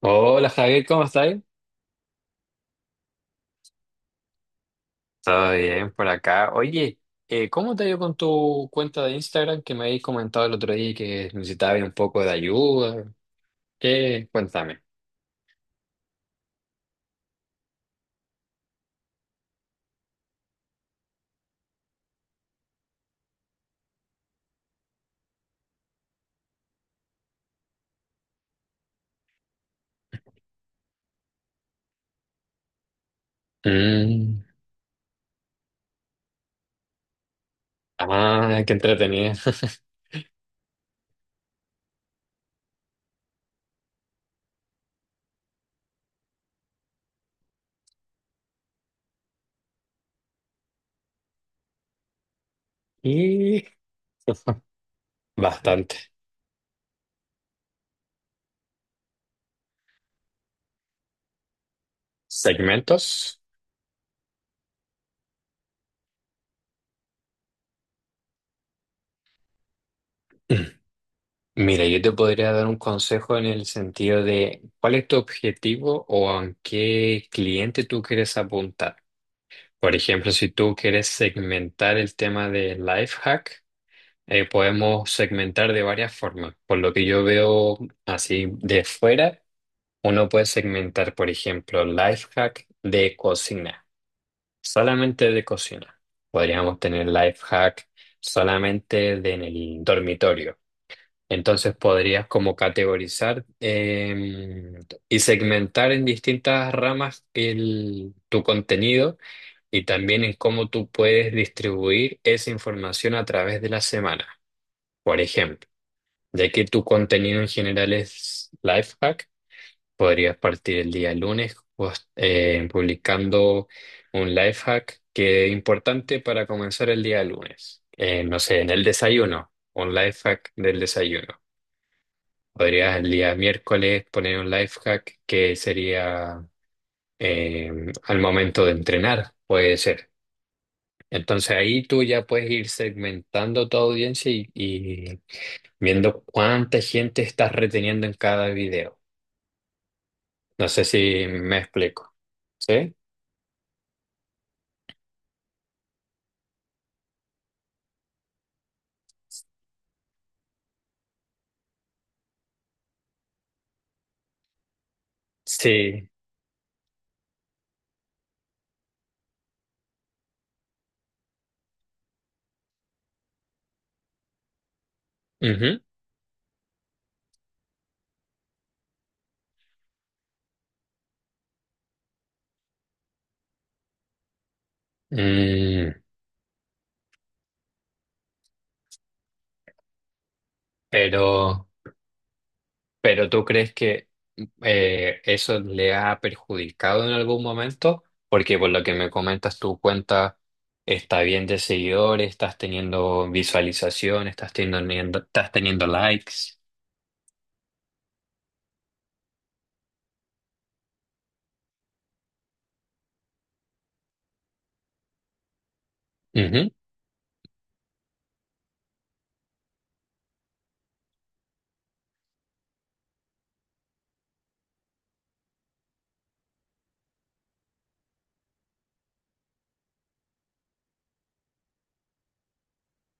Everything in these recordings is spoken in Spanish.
Hola Javier, ¿cómo estás? Todo bien por acá. Oye, ¿cómo te ha ido con tu cuenta de Instagram que me habéis comentado el otro día que necesitabas un poco de ayuda? ¿Qué? Cuéntame. Mm, ah, qué entretenida. Y bastante. ¿Segmentos? Mira, yo te podría dar un consejo en el sentido de cuál es tu objetivo o a qué cliente tú quieres apuntar. Por ejemplo, si tú quieres segmentar el tema de life hack. Podemos segmentar de varias formas. Por lo que yo veo así de fuera, uno puede segmentar, por ejemplo, life hack de cocina, solamente de cocina. Podríamos tener life hack solamente de en el dormitorio. Entonces podrías como categorizar y segmentar en distintas ramas tu contenido y también en cómo tú puedes distribuir esa información a través de la semana. Por ejemplo. Ya que tu contenido en general es lifehack, podrías partir el día lunes pues, publicando un lifehack que es importante para comenzar el día lunes. No sé, en el desayuno, un lifehack del desayuno. Podrías el día miércoles poner un lifehack que sería eh, al momento de entrenar, puede ser. Entonces ahí tú ya puedes ir segmentando tu audiencia y viendo cuánta gente estás reteniendo en cada video. No sé si me explico. ¿Sí? Sí. Ujú. Mm, pero, pero ¿tú crees que eso le ha perjudicado en algún momento? Porque por lo que me comentas, tu cuenta está bien de seguidores, estás teniendo visualización, estás teniendo likes. Ujú.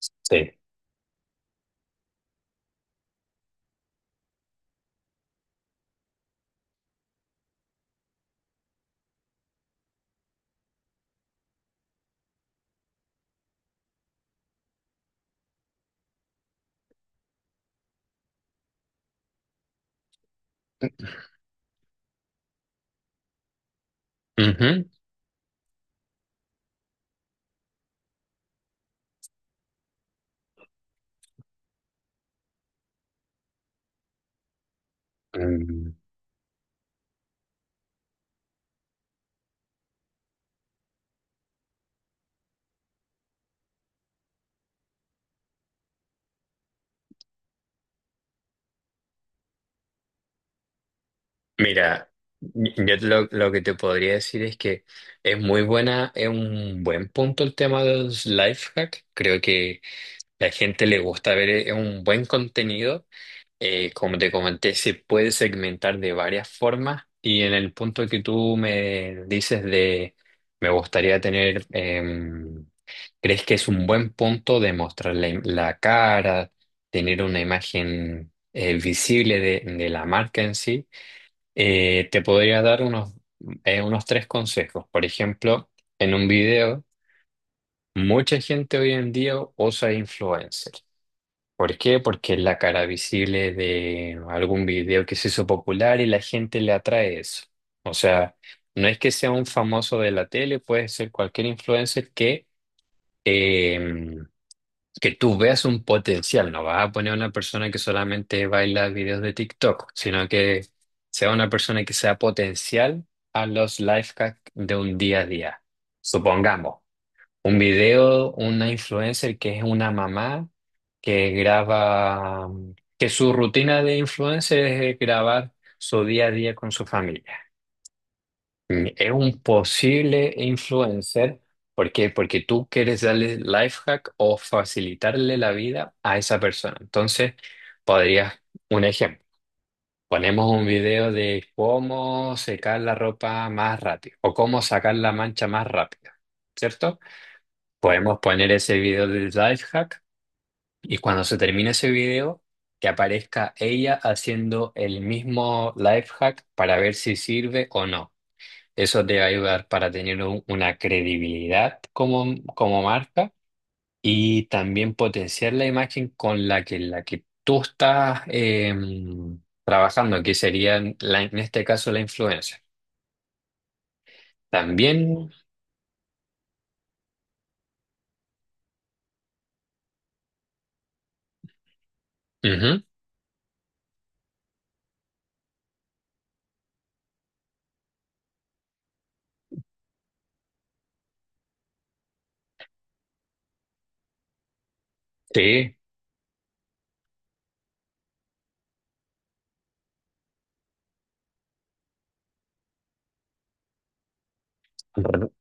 Sí. Ujú. Mm. Mira, lo que te podría decir es que es muy buena, es un buen punto el tema de los life hack. Creo que la gente le gusta ver un buen contenido. Como te comenté, se puede segmentar de varias formas. Y en el punto que tú me dices de me gustaría tener, ¿crees que es un buen punto de mostrar la cara, tener una imagen visible de la marca en sí? Eh, te podría dar unos tres consejos. Por ejemplo, en un video, mucha gente hoy en día usa influencer. ¿Por qué? Porque es la cara visible de algún video que se hizo popular y la gente le atrae eso. O sea, no es que sea un famoso de la tele, puede ser cualquier influencer eh, que tú veas un potencial, no vas a poner a una persona que solamente baila videos de TikTok, sino que sea una persona que sea potencial a los life hacks de un día a día. Supongamos, un video, una influencer que es una mamá que graba, que su rutina de influencer es grabar su día a día con su familia. Mm, es un posible influencer. ¿Por qué? Porque tú quieres darle life hack o facilitarle la vida a esa persona. Entonces, podrías, un ejemplo, ponemos un video de cómo secar la ropa más rápido o cómo sacar la mancha más rápido, ¿cierto? Podemos poner ese video del life hack y cuando se termine ese video, que aparezca ella haciendo el mismo life hack para ver si sirve o no. Eso te va a ayudar para tener una credibilidad como, como marca y también potenciar la imagen con la que tú estás trabajando, que sería en este caso la influencia. También, ujú, sí,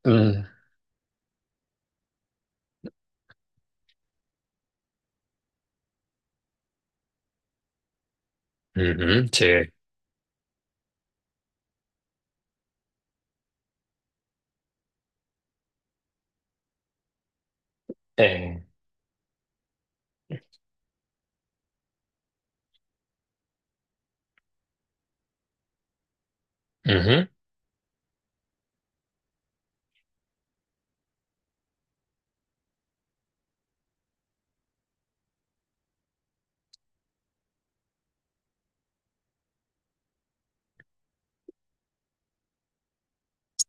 mm, ujú, sí, eh, ujú.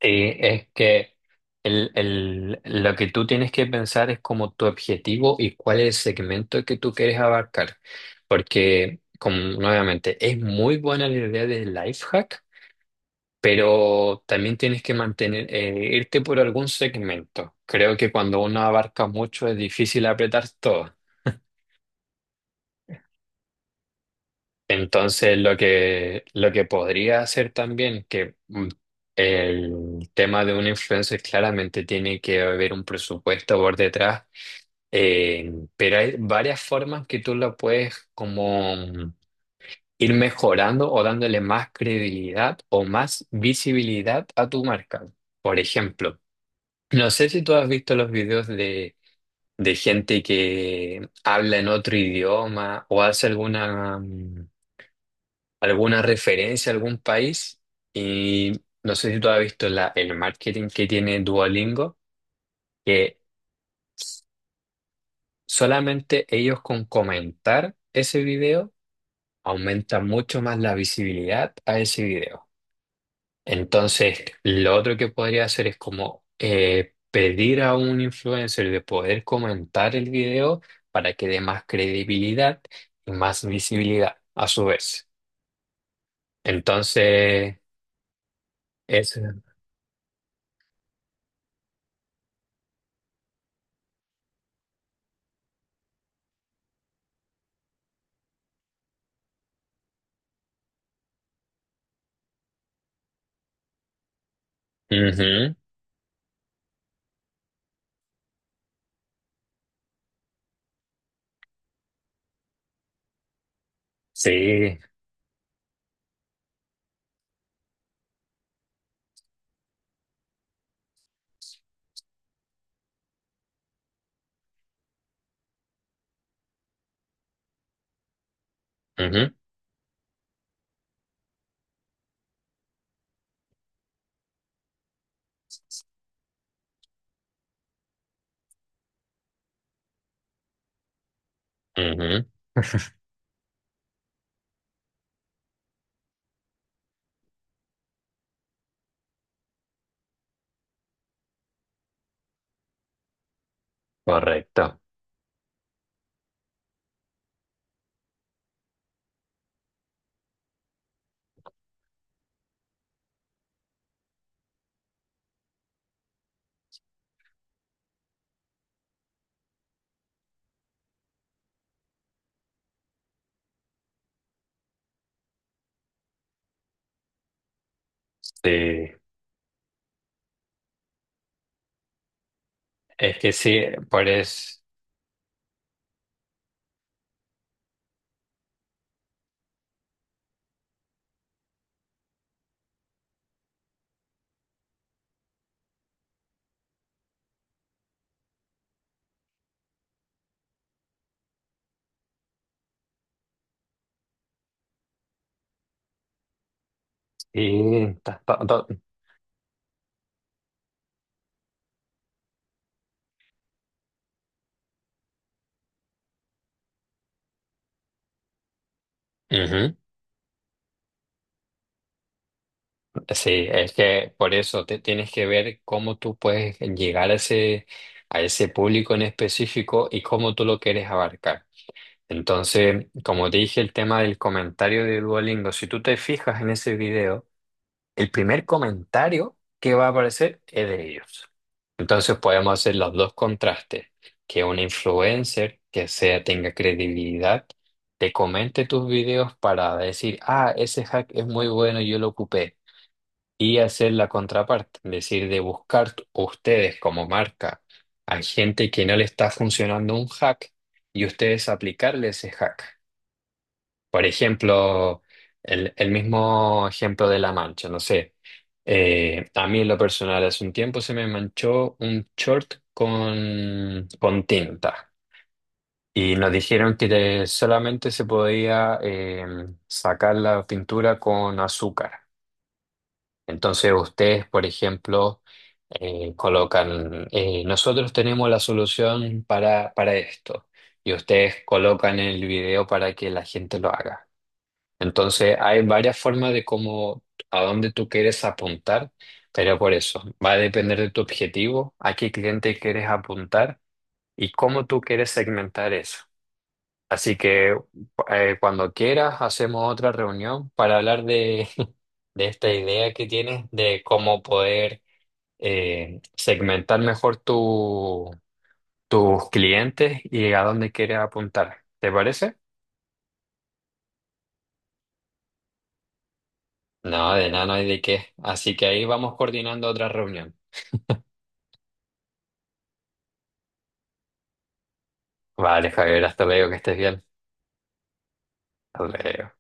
Sí, es que lo que tú tienes que pensar es como tu objetivo y cuál es el segmento que tú quieres abarcar. Porque, como nuevamente, es muy buena la idea del life hack, pero también tienes que mantener, irte por algún segmento. Creo que cuando uno abarca mucho es difícil apretar todo. Entonces, lo que podría hacer también, que el tema de un influencer claramente tiene que haber un presupuesto por detrás, pero hay varias formas que tú lo puedes como ir mejorando o dándole más credibilidad o más visibilidad a tu marca. Por ejemplo, no sé si tú has visto los videos de gente que habla en otro idioma o hace alguna... alguna referencia a algún país y no sé si tú has visto el marketing que tiene Duolingo, que solamente ellos con comentar ese video aumentan mucho más la visibilidad a ese video. Entonces, lo otro que podría hacer es como pedir a un influencer de poder comentar el video para que dé más credibilidad y más visibilidad a su vez. Entonces, eso. Ujú. Sí, ujú, ujú, correcto. Sí, es que sí, por eso. Sí, ta- ta- ta- ujú. Sí, es que por eso te tienes que ver cómo tú puedes llegar a ese público en específico y cómo tú lo quieres abarcar. Entonces, como te dije, el tema del comentario de Duolingo, si tú te fijas en ese video, el primer comentario que va a aparecer es de ellos. Entonces podemos hacer los dos contrastes, que un influencer que sea tenga credibilidad te comente tus videos para decir, ah, ese hack es muy bueno, yo lo ocupé. Y hacer la contraparte, es decir, de buscar ustedes como marca a gente que no le está funcionando un hack y ustedes aplicarle ese hack. Por ejemplo, el mismo ejemplo de la mancha, no sé. A mí en lo personal hace un tiempo se me manchó un short con tinta y nos dijeron que solamente se podía sacar la pintura con azúcar. Entonces ustedes, por ejemplo, colocan, nosotros tenemos la solución para esto y ustedes colocan el video para que la gente lo haga. Entonces, hay varias formas de cómo, a dónde tú quieres apuntar, pero por eso va a depender de tu objetivo, a qué cliente quieres apuntar y cómo tú quieres segmentar eso. Así que cuando quieras, hacemos otra reunión para hablar de, de esta idea que tienes de cómo poder segmentar mejor tus clientes y a dónde quieres apuntar. ¿Te parece? No, de nada, no hay de qué. Así que ahí vamos coordinando otra reunión. Vale, Javier, hasta luego, que estés bien. Hasta luego.